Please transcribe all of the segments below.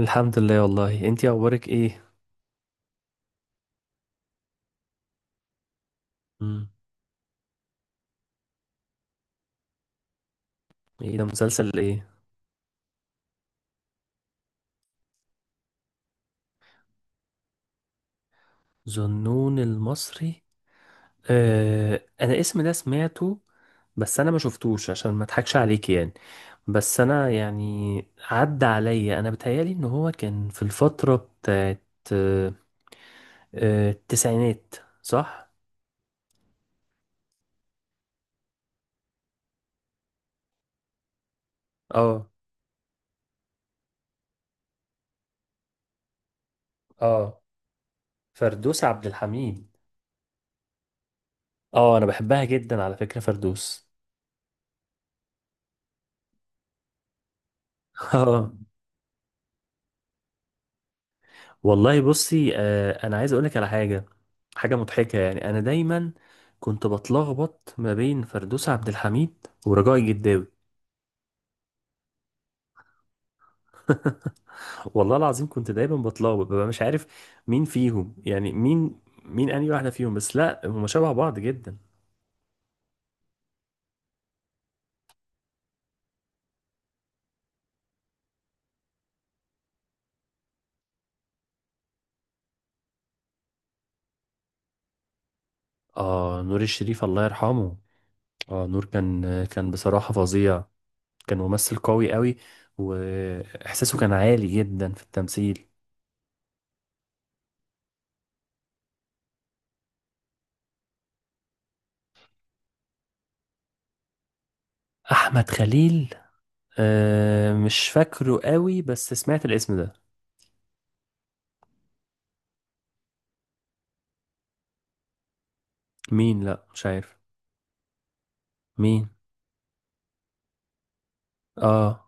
الحمد لله، والله انتي اخبارك ايه؟ امم ايه ده؟ مسلسل ايه؟ ظنون المصري. آه، انا اسم ده سمعته. بس انا ما شفتوش عشان ما اضحكش عليك، يعني. بس انا، يعني، عدى عليا، انا بتهيالي ان هو كان في الفترة بتاعت آه التسعينات، صح. اه، اه. فردوس عبد الحميد. اه، انا بحبها جدا، على فكرة، فردوس. والله بصي، انا عايز اقولك على حاجه. حاجه مضحكه، يعني انا دايما كنت بتلخبط ما بين فردوس عبد الحميد ورجاء الجداوي. والله العظيم كنت دايما بتلخبط، ببقى مش عارف مين فيهم يعني مين انهي واحده فيهم، بس لا، هما شبه بعض جدا. اه، نور الشريف الله يرحمه. اه، نور كان بصراحه فظيع. كان ممثل قوي قوي، واحساسه كان عالي جدا في التمثيل. احمد خليل. أه، مش فاكره قوي، بس سمعت الاسم ده. مين؟ لا، مش عارف. مين؟ اه،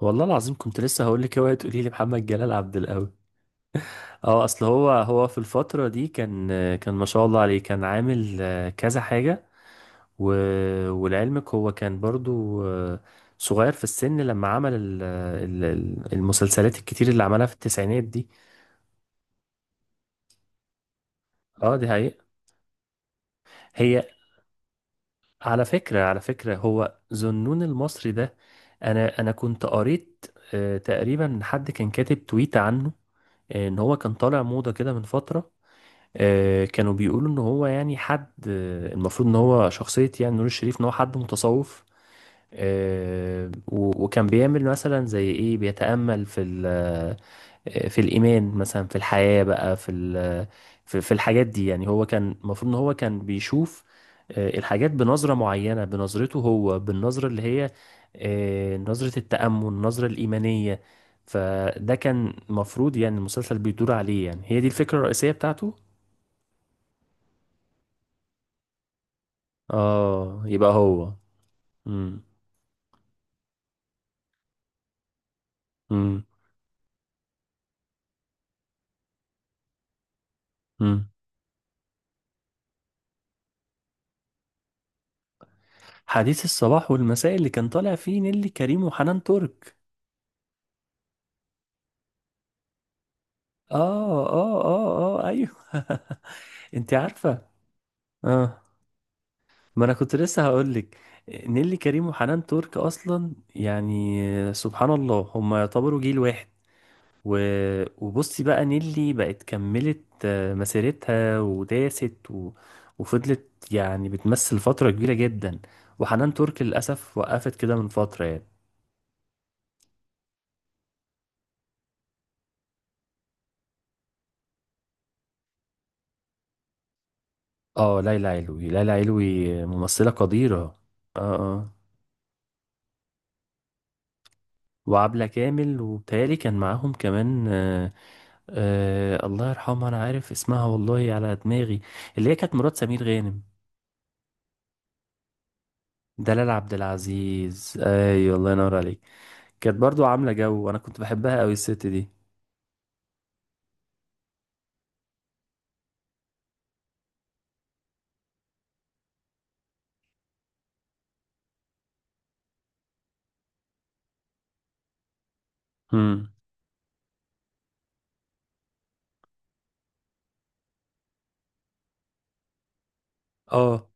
والله العظيم كنت لسه هقول لك، اوعي تقولي لي محمد جلال عبد القوي. اه، اصل هو في الفترة دي كان. كان ما شاء الله عليه، كان عامل كذا حاجة. و... ولعلمك هو كان برضو صغير في السن، لما عمل المسلسلات الكتير اللي عملها في التسعينات دي. اه، دي حقيقة. هي. على فكرة، هو ذنون المصري ده، أنا كنت قريت تقريبا. حد كان كاتب تويت عنه إن هو كان طالع موضة كده من فترة. كانوا بيقولوا ان هو، يعني، حد المفروض ان هو شخصية، يعني نور الشريف، ان هو حد متصوف. وكان بيعمل مثلا زي ايه، بيتأمل في في الإيمان مثلا، في الحياة بقى، في في الحاجات دي. يعني هو كان المفروض ان هو كان بيشوف الحاجات بنظرة معينة، بنظرته هو، بالنظرة اللي هي نظرة التأمل، النظرة الإيمانية. فده كان مفروض، يعني المسلسل بيدور عليه، يعني هي دي الفكرة الرئيسية بتاعته. اه، يبقى هو. امم، امم، امم. حديث الصباح والمساء اللي كان طالع فيه نيللي كريم وحنان ترك. اه، اه، اه، اه، ايوه. انت عارفه. اه. ما انا كنت لسه هقول لك، نيللي كريم وحنان ترك اصلا، يعني سبحان الله، هم يعتبروا جيل واحد. و... وبصي بقى، نيلي بقت كملت مسيرتها وداست، وفضلت يعني بتمثل فترة كبيرة جدا. وحنان ترك للأسف وقفت كده من فترة، يعني. اه، ليلى علوي، ليلى علوي ممثلة قديرة. اه، اه. وعبلة كامل، وبتهيألي كان معاهم كمان. الله يرحمها، أنا عارف اسمها والله على دماغي، اللي هي كانت مرات سمير غانم. دلال عبد العزيز، أيوة الله ينور عليك. كانت برضو عاملة جو، وأنا كنت بحبها أوي الست دي. امم. اه،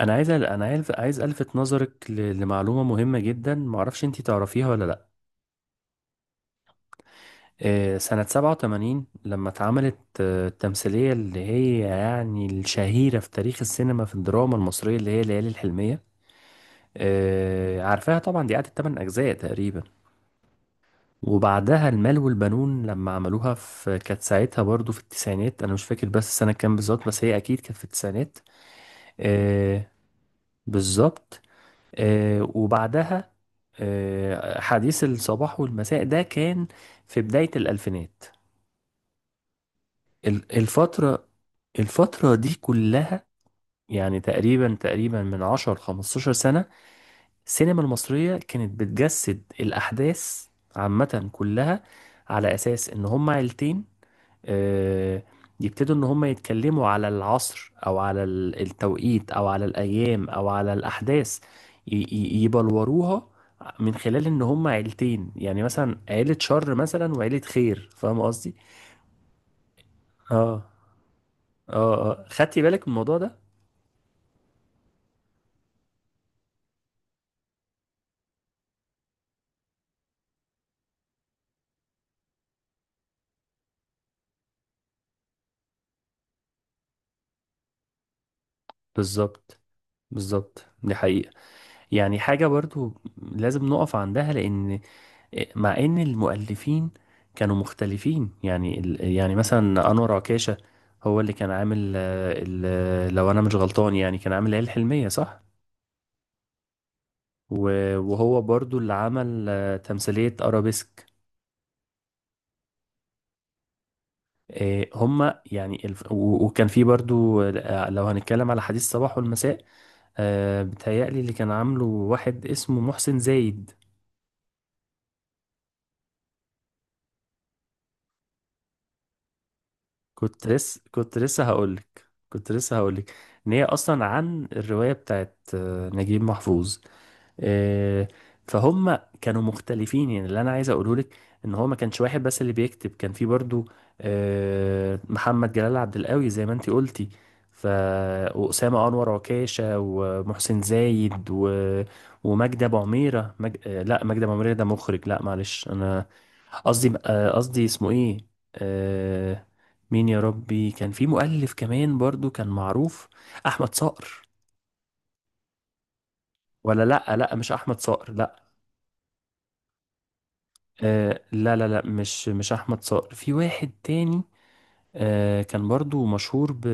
انا عايز الفت نظرك لمعلومه مهمه جدا، معرفش انتي تعرفيها ولا لا. سنه 87 لما اتعملت التمثيليه اللي هي يعني الشهيره في تاريخ السينما، في الدراما المصريه، اللي هي ليالي الحلميه. عارفاها طبعا، دي قعدت 8 اجزاء تقريبا. وبعدها المال والبنون لما عملوها، في كانت ساعتها برضو في التسعينات، انا مش فاكر بس السنه كام بالظبط، بس هي اكيد كانت في التسعينات. آه، بالظبط. وبعدها حديث الصباح والمساء ده كان في بداية الألفينات. ال- الفترة الفترة دي كلها، يعني تقريبا من 10 15 سنة السينما المصرية كانت بتجسد الأحداث عامة كلها على أساس إن هما عيلتين. آه، يبتدوا ان هم يتكلموا على العصر، او على التوقيت، او على الايام، او على الاحداث، يبلوروها من خلال ان هم عيلتين. يعني مثلا عيلة شر مثلا وعيلة خير، فاهم قصدي؟ اه، اه، اه. خدتي بالك من الموضوع ده؟ بالظبط. بالظبط، دي حقيقة. يعني حاجة برضو لازم نقف عندها، لأن مع ان المؤلفين كانوا مختلفين، يعني يعني مثلا انور عكاشة، هو اللي كان عامل لو انا مش غلطان، يعني كان عامل العيال الحلمية، صح. وهو برضو اللي عمل تمثيلية ارابيسك. هما يعني وكان في برضو، لو هنتكلم على حديث الصباح والمساء، بتهيألي اللي كان عامله واحد اسمه محسن زايد. كنت لسه هقولك ان هي اصلا عن الرواية بتاعت نجيب محفوظ. آه، فهم كانوا مختلفين، يعني اللي انا عايز اقوله لك، ان هو ما كانش واحد بس اللي بيكتب، كان في برضو محمد جلال عبد القوي زي ما انتي قلتي. ف واسامه انور عكاشه، ومحسن زايد، ومجدي ابو عميره، مج... آه، لا مجدي ابو عميره ده مخرج، لا معلش، انا قصدي اسمه ايه، آه، مين يا ربي، كان في مؤلف كمان برضو كان معروف، احمد صقر. ولا، لا، لا، مش احمد صقر، لا. آه، لا، لا، لا، مش احمد صقر، في واحد تاني آه، كان برضو مشهور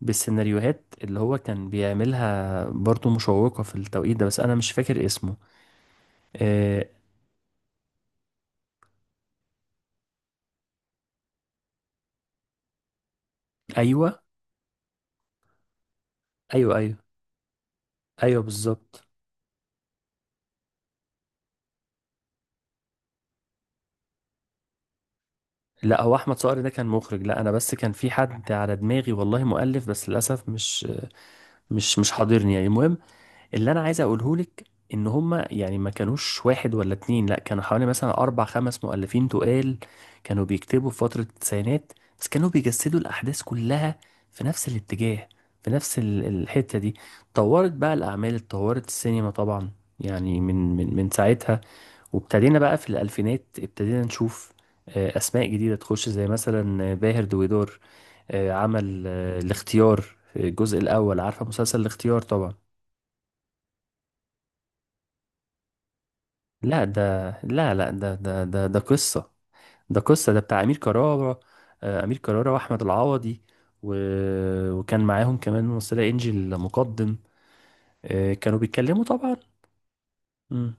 بالسيناريوهات اللي هو كان بيعملها، برضو مشوقة في التوقيت ده، بس انا مش فاكر اسمه. آه ايوه، ايوه. ايوه، ايوه، بالظبط. لا، هو احمد صقر ده كان مخرج، لا انا بس كان في حد على دماغي والله، مؤلف، بس للاسف مش حاضرني، يعني المهم، اللي انا عايز اقوله لك ان هما، يعني ما كانوش واحد ولا اتنين، لا، كانوا حوالي مثلا اربع خمس مؤلفين تقال، كانوا بيكتبوا في فترة التسعينات. بس كانوا بيجسدوا الاحداث كلها في نفس الاتجاه، في نفس الحتة دي. اتطورت بقى الاعمال، اتطورت السينما طبعا، يعني من ساعتها، وابتدينا بقى في الالفينات، ابتدينا نشوف اسماء جديدة تخش، زي مثلا باهر دويدور، عمل الاختيار في الجزء الاول. عارفة مسلسل الاختيار طبعا. لا، ده، لا، لا، ده قصة، ده قصة، ده بتاع أمير كرارة، أمير كرارة وأحمد العوضي، و... وكان معاهم كمان ممثلة إنجي المقدم. كانوا بيتكلموا طبعا. مم.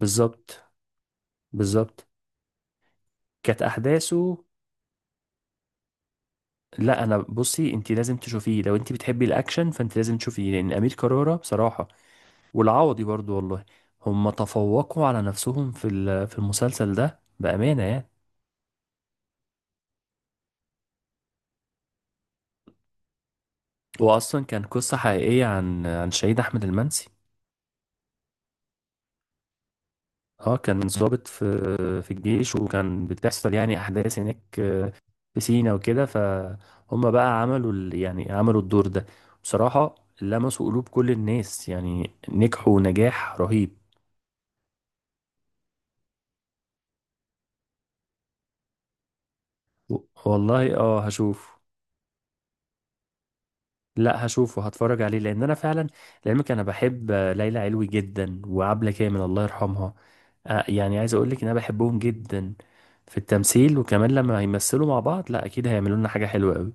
بالظبط. بالظبط. كانت أحداثه، لا أنا بصي، أنت لازم تشوفيه، لو أنت بتحبي الأكشن فأنت لازم تشوفيه، لأن أمير كرارة بصراحة والعوضي برضو والله، هم تفوقوا على نفسهم في في المسلسل ده بأمانة يعني. هو اصلا كان قصه حقيقيه عن شهيد احمد المنسي. اه، كان ضابط في الجيش، وكان بتحصل يعني احداث هناك في سينا وكده، فهم بقى عملوا يعني عملوا الدور ده بصراحه، لمسوا قلوب كل الناس، يعني نجحوا نجاح رهيب. و- والله اه، هشوف. لا، هشوفه، هتفرج عليه لان انا فعلا، لعلمك انا بحب ليلى علوي جدا، وعبلة كامل الله يرحمها. يعني عايز اقول لك ان انا بحبهم جدا في التمثيل. وكمان لما هيمثلوا مع بعض، لا اكيد هيعملوا لنا حاجة حلوة قوي.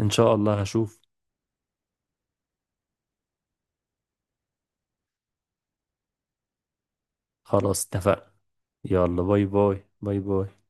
ان شاء الله هشوف. خلاص اتفقنا. يلا، باي باي، باي باي.